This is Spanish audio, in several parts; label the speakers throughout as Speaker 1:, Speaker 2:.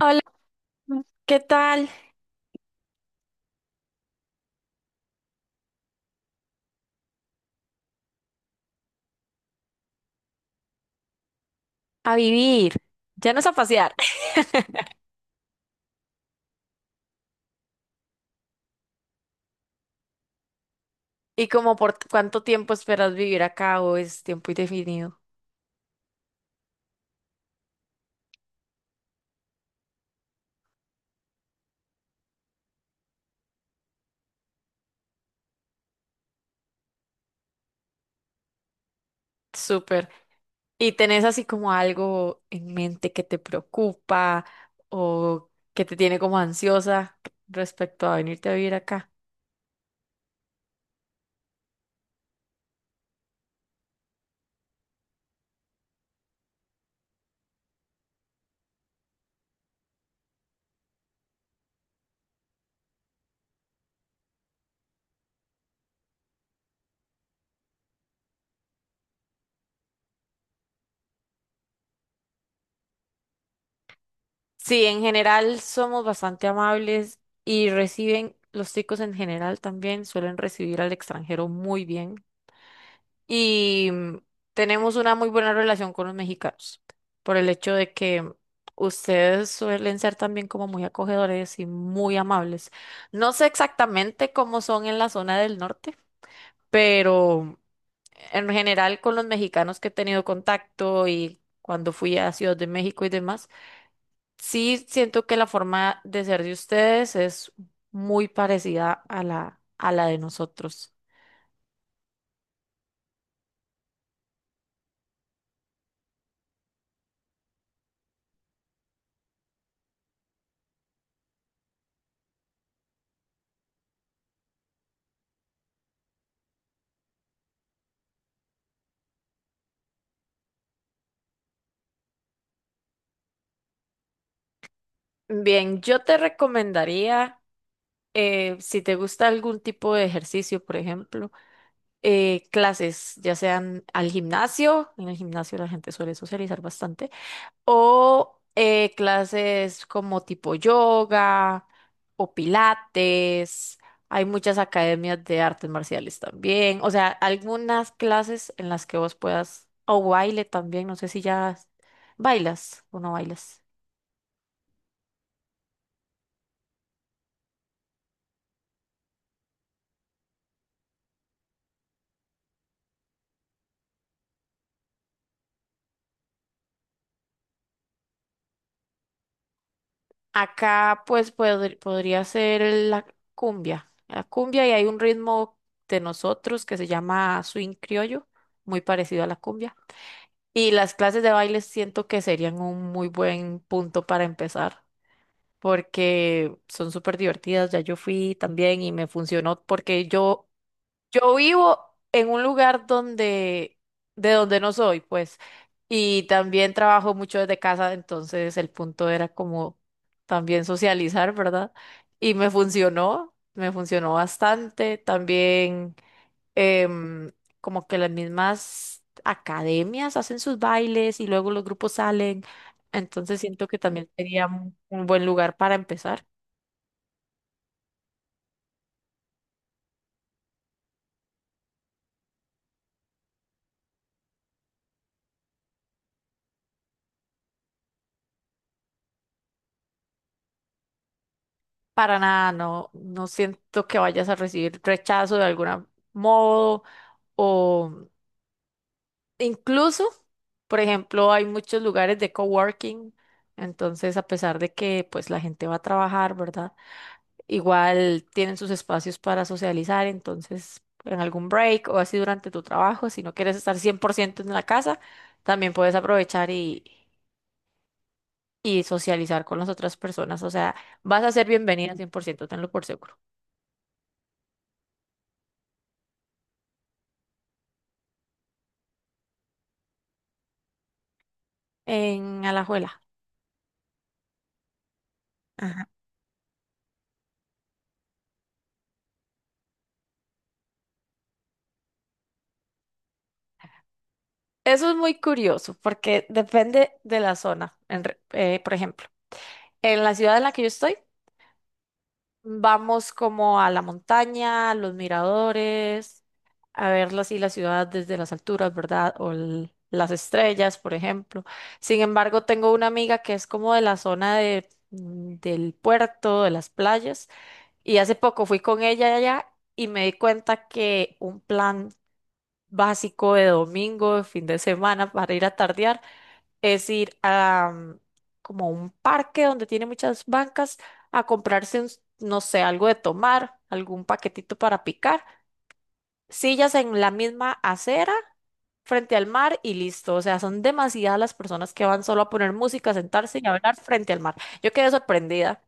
Speaker 1: Hola, ¿qué tal? A vivir. Ya no es a pasear. ¿Y como cuánto tiempo esperas vivir acá o es tiempo indefinido? Súper. ¿Y tenés así como algo en mente que te preocupa o que te tiene como ansiosa respecto a venirte a vivir acá? Sí, en general somos bastante amables y reciben, los chicos en general también suelen recibir al extranjero muy bien. Y tenemos una muy buena relación con los mexicanos por el hecho de que ustedes suelen ser también como muy acogedores y muy amables. No sé exactamente cómo son en la zona del norte, pero en general con los mexicanos que he tenido contacto y cuando fui a Ciudad de México y demás, sí siento que la forma de ser de ustedes es muy parecida a la de nosotros. Bien, yo te recomendaría si te gusta algún tipo de ejercicio, por ejemplo, clases, ya sean al gimnasio, en el gimnasio la gente suele socializar bastante, o clases como tipo yoga o pilates, hay muchas academias de artes marciales también, o sea, algunas clases en las que vos puedas, o baile también, no sé si ya bailas o no bailas. Acá pues podría ser la cumbia. La cumbia y hay un ritmo de nosotros que se llama swing criollo, muy parecido a la cumbia. Y las clases de baile siento que serían un muy buen punto para empezar porque son súper divertidas. Ya yo fui también y me funcionó porque yo vivo en un lugar donde, de donde no soy, pues, y también trabajo mucho desde casa, entonces el punto era como también socializar, ¿verdad? Y me funcionó bastante. También em, como que las mismas academias hacen sus bailes y luego los grupos salen, entonces siento que también sería un buen lugar para empezar. Para nada, no, no siento que vayas a recibir rechazo de algún modo o incluso, por ejemplo, hay muchos lugares de coworking, entonces a pesar de que pues la gente va a trabajar, ¿verdad? Igual tienen sus espacios para socializar, entonces en algún break o así durante tu trabajo, si no quieres estar 100% en la casa, también puedes aprovechar y socializar con las otras personas, o sea, vas a ser bienvenida 100%, tenlo por seguro. En Alajuela. Ajá. Eso es muy curioso porque depende de la zona. Por ejemplo, en la ciudad en la que yo estoy, vamos como a la montaña, a los miradores, a ver así la ciudad desde las alturas, ¿verdad? O las estrellas, por ejemplo. Sin embargo, tengo una amiga que es como de la zona del puerto, de las playas, y hace poco fui con ella allá y me di cuenta que un plan básico de domingo, de fin de semana para ir a tardear es ir a como a un parque donde tiene muchas bancas a comprarse, no sé, algo de tomar, algún paquetito para picar, sillas en la misma acera frente al mar y listo. O sea, son demasiadas las personas que van solo a poner música, a sentarse y a hablar frente al mar. Yo quedé sorprendida.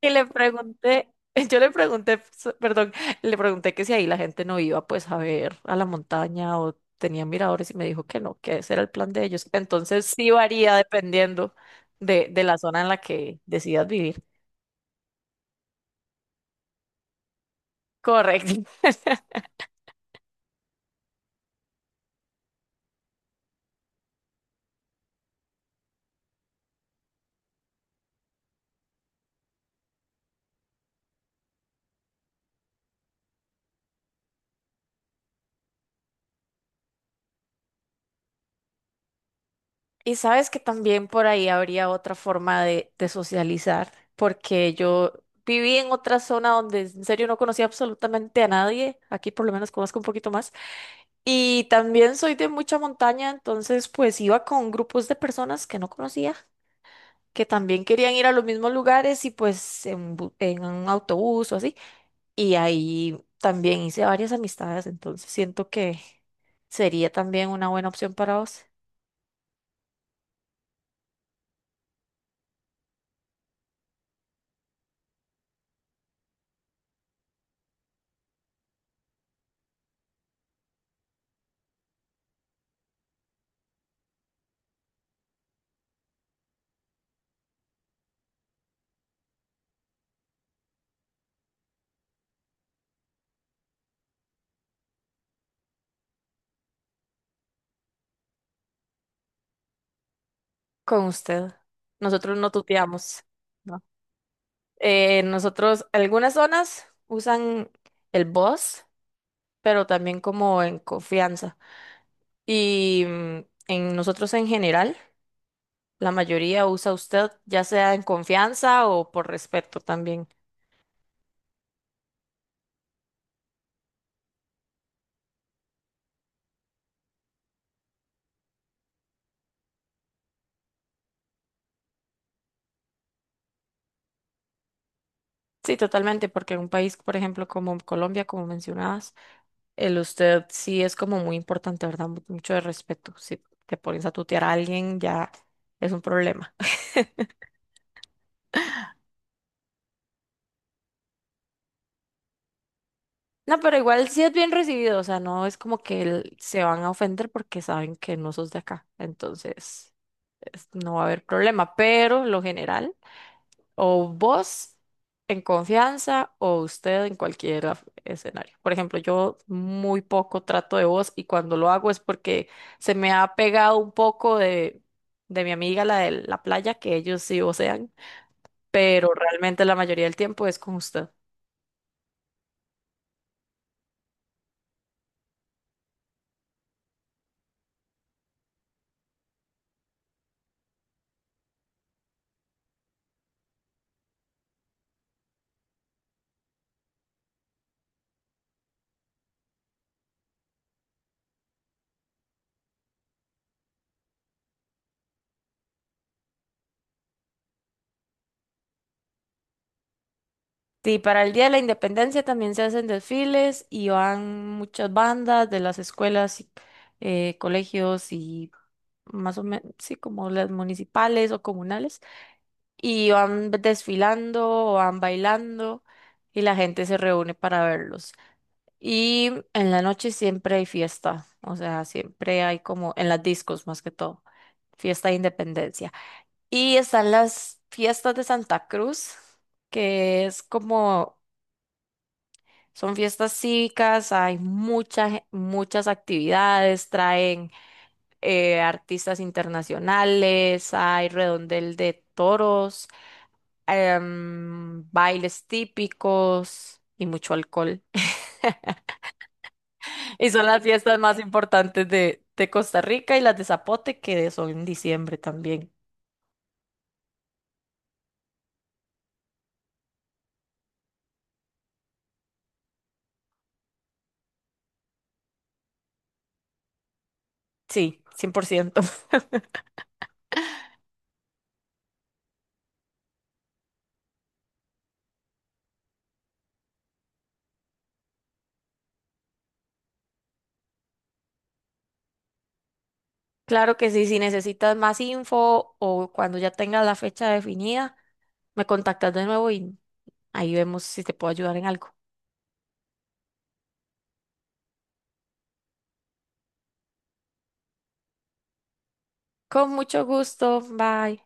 Speaker 1: Y le pregunté, yo le pregunté, perdón, le pregunté que si ahí la gente no iba pues a ver a la montaña o tenían miradores y me dijo que no, que ese era el plan de ellos. Entonces sí varía dependiendo de la zona en la que decidas vivir. Correcto. Y sabes que también por ahí habría otra forma de socializar, porque yo viví en otra zona donde en serio no conocía absolutamente a nadie. Aquí por lo menos conozco un poquito más. Y también soy de mucha montaña, entonces pues iba con grupos de personas que no conocía, que también querían ir a los mismos lugares y pues en un autobús o así. Y ahí también hice varias amistades, entonces siento que sería también una buena opción para vos. Con usted. Nosotros no tuteamos, ¿no? Nosotros, algunas zonas usan el vos, pero también como en confianza. Y en nosotros en general. La mayoría usa usted, ya sea en confianza o por respeto también. Sí, totalmente, porque en un país, por ejemplo, como Colombia, como mencionabas, el usted sí es como muy importante, ¿verdad? Mucho de respeto. Si te pones a tutear a alguien, ya es un problema. No, pero igual sí es bien recibido, o sea, no es como que el- se van a ofender porque saben que no sos de acá, entonces es- no va a haber problema, pero lo general. O vos en confianza o usted en cualquier escenario. Por ejemplo, yo muy poco trato de vos y cuando lo hago es porque se me ha pegado un poco de mi amiga, la de la playa, que ellos sí vocean, pero realmente la mayoría del tiempo es con usted. Sí, para el Día de la Independencia también se hacen desfiles y van muchas bandas de las escuelas, y, colegios y más o menos, sí, como las municipales o comunales. Y van desfilando o van bailando y la gente se reúne para verlos. Y en la noche siempre hay fiesta, o sea, siempre hay como en las discos más que todo, fiesta de independencia. Y están las fiestas de Santa Cruz, que es como, son fiestas cívicas, hay muchas, muchas actividades, traen artistas internacionales, hay redondel de toros. Bailes típicos y mucho alcohol. Y son las fiestas más importantes de Costa Rica y las de Zapote, que son en diciembre también. Sí, 100%. Claro que sí, si necesitas más info o cuando ya tengas la fecha definida, me contactas de nuevo y ahí vemos si te puedo ayudar en algo. Con mucho gusto, bye.